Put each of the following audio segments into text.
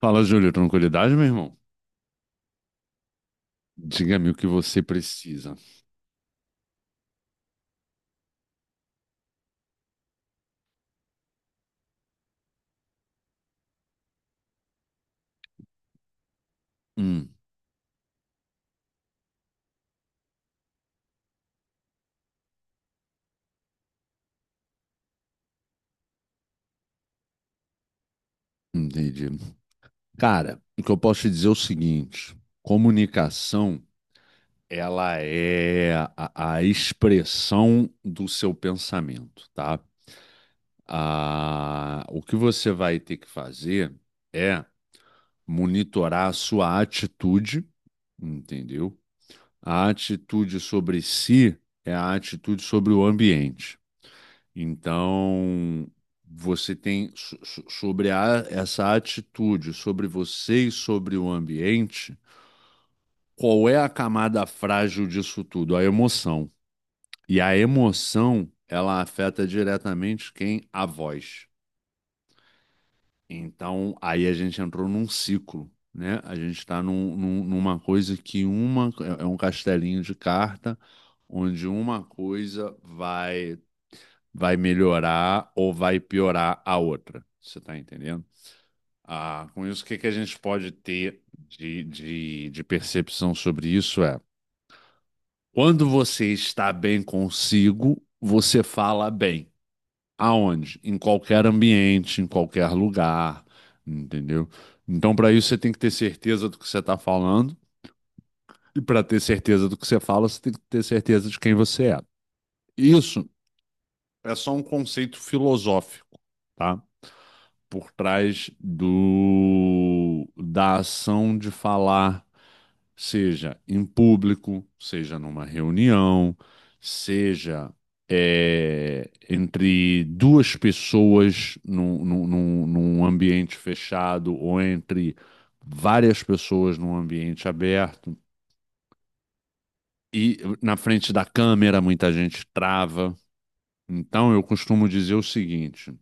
Fala, Júlio, tranquilidade, meu irmão? Diga-me o que você precisa. Hum, entendi. Cara, o que eu posso te dizer é o seguinte: comunicação, ela é a expressão do seu pensamento, tá? Ah, o que você vai ter que fazer é monitorar a sua atitude, entendeu? A atitude sobre si é a atitude sobre o ambiente. Então, você tem essa atitude, sobre você e sobre o ambiente, qual é a camada frágil disso tudo? A emoção. E a emoção, ela afeta diretamente quem? A voz. Então, aí a gente entrou num ciclo, né? A gente está numa coisa que uma é um castelinho de carta, onde uma coisa vai melhorar ou vai piorar a outra. Você está entendendo? Ah, com isso, o que que a gente pode ter de percepção sobre isso é quando você está bem consigo, você fala bem. Aonde? Em qualquer ambiente, em qualquer lugar, entendeu? Então, para isso, você tem que ter certeza do que você está falando, e para ter certeza do que você fala, você tem que ter certeza de quem você é. Isso é só um conceito filosófico, tá? Por trás do da ação de falar, seja em público, seja numa reunião, seja entre duas pessoas num ambiente fechado ou entre várias pessoas num ambiente aberto. E na frente da câmera muita gente trava. Então eu costumo dizer o seguinte: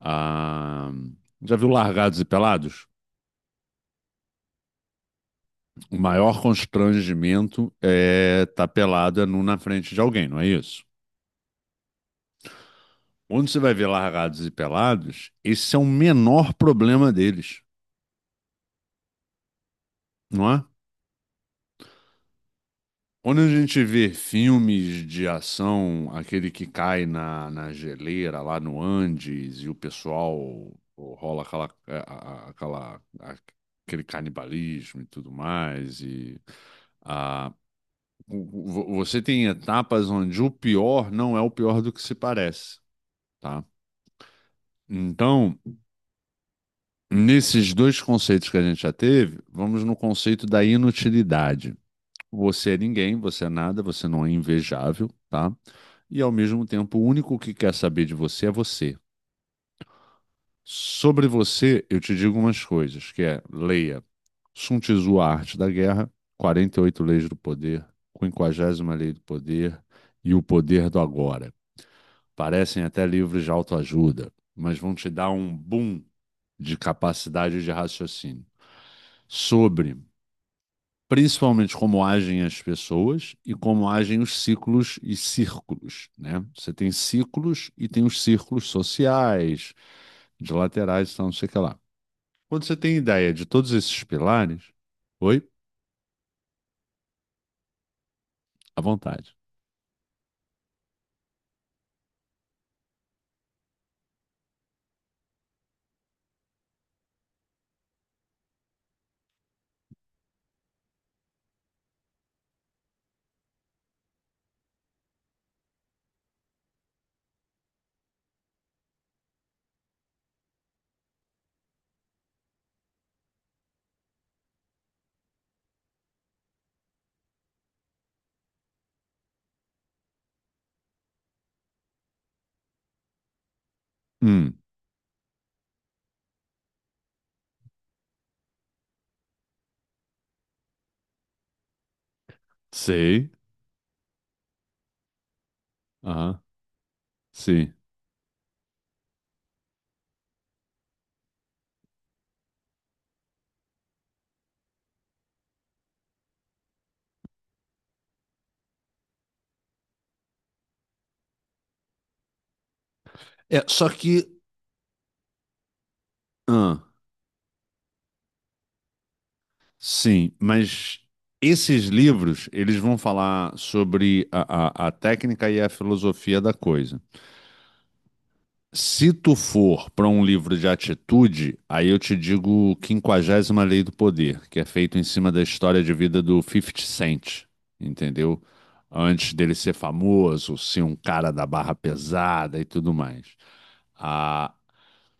ah, já viu Largados e Pelados? O maior constrangimento é estar pelado é nu na frente de alguém, não é isso? Quando você vai ver Largados e Pelados, esse é o menor problema deles, não é? Quando a gente vê filmes de ação, aquele que cai na geleira lá no Andes e o pessoal pô, rola aquela, aquele canibalismo e tudo mais, e a, você tem etapas onde o pior não é o pior do que se parece. Tá? Então, nesses dois conceitos que a gente já teve, vamos no conceito da inutilidade. Você é ninguém, você é nada, você não é invejável, tá? E ao mesmo tempo, o único que quer saber de você é você. Sobre você, eu te digo umas coisas, que é, leia Sun Tzu, A Arte da Guerra, 48 Leis do Poder, 50 Lei do Poder e O Poder do Agora. Parecem até livros de autoajuda, mas vão te dar um boom de capacidade de raciocínio sobre principalmente como agem as pessoas e como agem os ciclos e círculos, né? Você tem ciclos e tem os círculos sociais, de laterais, tal, não sei o que lá. Quando você tem ideia de todos esses pilares, oi, à vontade. Hum, sei. Aham, sim. É, só que, ah. Sim, mas esses livros, eles vão falar sobre a técnica e a filosofia da coisa. Se tu for para um livro de atitude, aí eu te digo Quinquagésima Lei do Poder, que é feito em cima da história de vida do fifty Cent, entendeu? Antes dele ser famoso, ser um cara da barra pesada e tudo mais. Ah,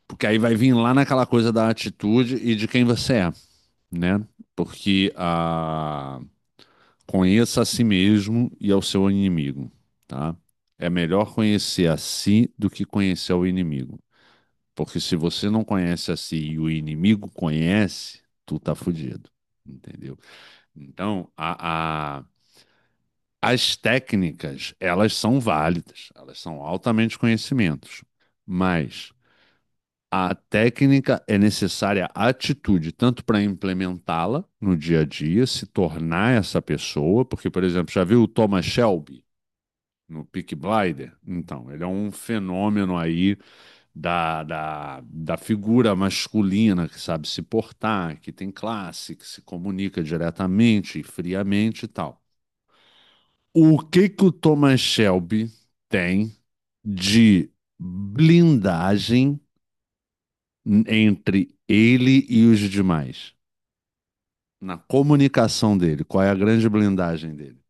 porque aí vai vir lá naquela coisa da atitude e de quem você é, né? Porque a Conheça a si mesmo e ao seu inimigo, tá? É melhor conhecer a si do que conhecer o inimigo. Porque se você não conhece a si e o inimigo conhece, tu tá fudido, entendeu? Então, as técnicas, elas são válidas, elas são altamente conhecimentos, mas a técnica é necessária atitude, tanto para implementá-la no dia a dia, se tornar essa pessoa, porque, por exemplo, já viu o Thomas Shelby? No Peaky Blinder? Então, ele é um fenômeno aí da figura masculina que sabe se portar, que tem classe, que se comunica diretamente e friamente e tal. O que que o Thomas Shelby tem de blindagem entre ele e os demais? Na comunicação dele, qual é a grande blindagem dele?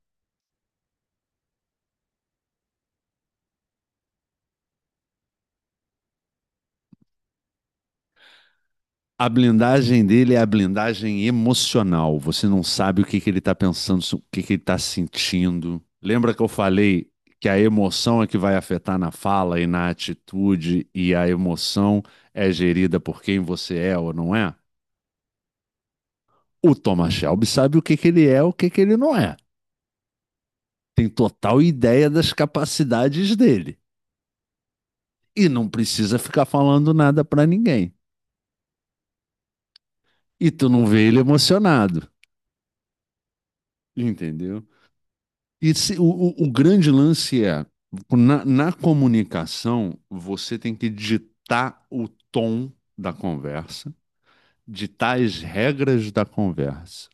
A blindagem dele é a blindagem emocional. Você não sabe o que que ele está pensando, o que que ele está sentindo. Lembra que eu falei que a emoção é que vai afetar na fala e na atitude, e a emoção é gerida por quem você é ou não é? O Thomas Shelby sabe o que que ele é, o que que ele não é. Tem total ideia das capacidades dele e não precisa ficar falando nada para ninguém. E tu não vê ele emocionado, entendeu? O grande lance é, na comunicação, você tem que ditar o tom da conversa, ditar as regras da conversa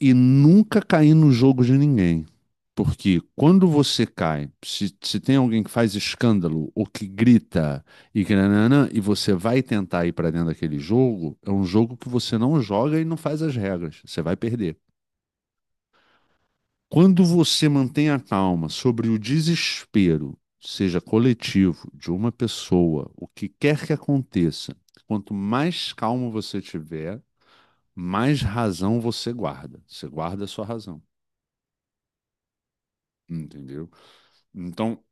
e nunca cair no jogo de ninguém. Porque quando você cai, se tem alguém que faz escândalo ou que grita e que nananã, e você vai tentar ir para dentro daquele jogo, é um jogo que você não joga e não faz as regras. Você vai perder. Quando você mantém a calma sobre o desespero, seja coletivo, de uma pessoa, o que quer que aconteça, quanto mais calmo você tiver, mais razão você guarda. Você guarda a sua razão, entendeu? Então,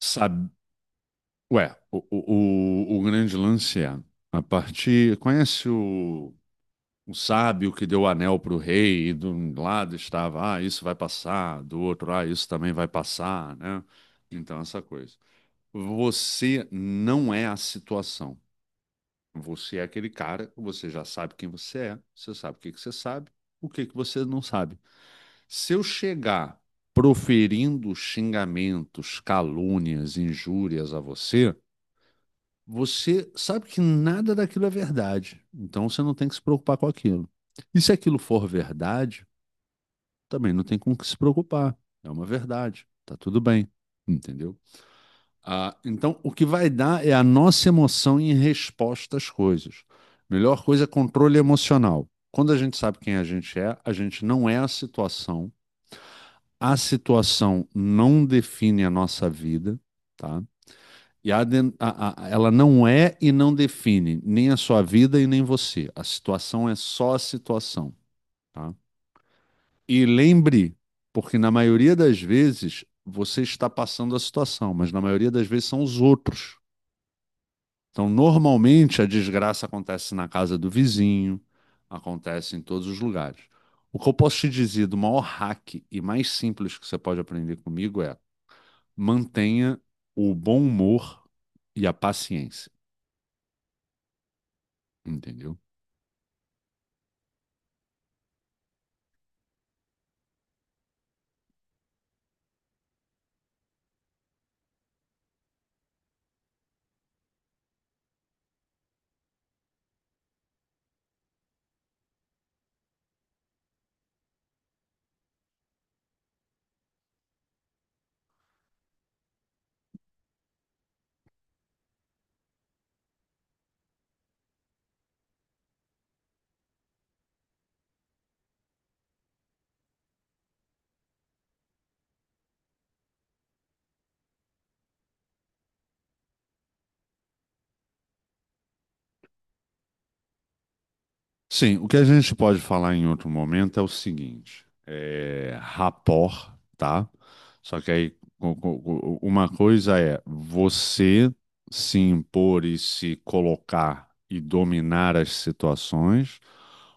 sabe, ué, o grande lance é a partir. Conhece o sábio que deu o anel para o rei, e de um lado estava, ah, isso vai passar, do outro, ah, isso também vai passar, né? Então, essa coisa. Você não é a situação. Você é aquele cara, você já sabe quem você é, você sabe o que que você sabe, o que que você não sabe. Se eu chegar proferindo xingamentos, calúnias, injúrias a você, você sabe que nada daquilo é verdade. Então você não tem que se preocupar com aquilo. E se aquilo for verdade, também não tem com o que se preocupar. É uma verdade. Tá tudo bem. Entendeu? Ah, então, o que vai dar é a nossa emoção em resposta às coisas. Melhor coisa é controle emocional. Quando a gente sabe quem a gente é, a gente não é a situação. A situação não define a nossa vida, tá? E a den- a- ela não é e não define nem a sua vida e nem você. A situação é só a situação, tá? E lembre, porque na maioria das vezes você está passando a situação, mas na maioria das vezes são os outros. Então, normalmente a desgraça acontece na casa do vizinho, acontece em todos os lugares. O que eu posso te dizer do maior hack e mais simples que você pode aprender comigo é mantenha o bom humor e a paciência, entendeu? Sim, o que a gente pode falar em outro momento é o seguinte, é rapport, tá? Só que aí uma coisa é você se impor e se colocar e dominar as situações,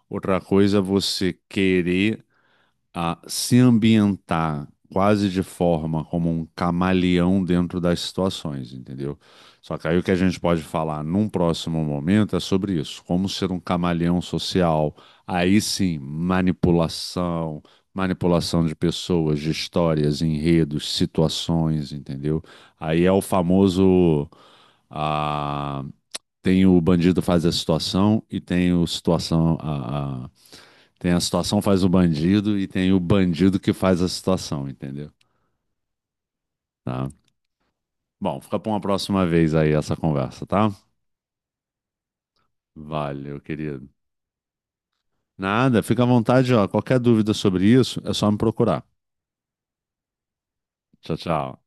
outra coisa é você querer a se ambientar quase de forma como um camaleão dentro das situações, entendeu? Só que aí o que a gente pode falar num próximo momento é sobre isso, como ser um camaleão social. Aí sim, manipulação de pessoas, de histórias, enredos, situações, entendeu? Aí é o famoso. Ah, tem o bandido faz a situação e tem o situação tem a situação faz o bandido e tem o bandido que faz a situação, entendeu? Tá. Bom, fica para uma próxima vez aí essa conversa, tá? Valeu, querido. Nada, fica à vontade, ó. Qualquer dúvida sobre isso, é só me procurar. Tchau, tchau.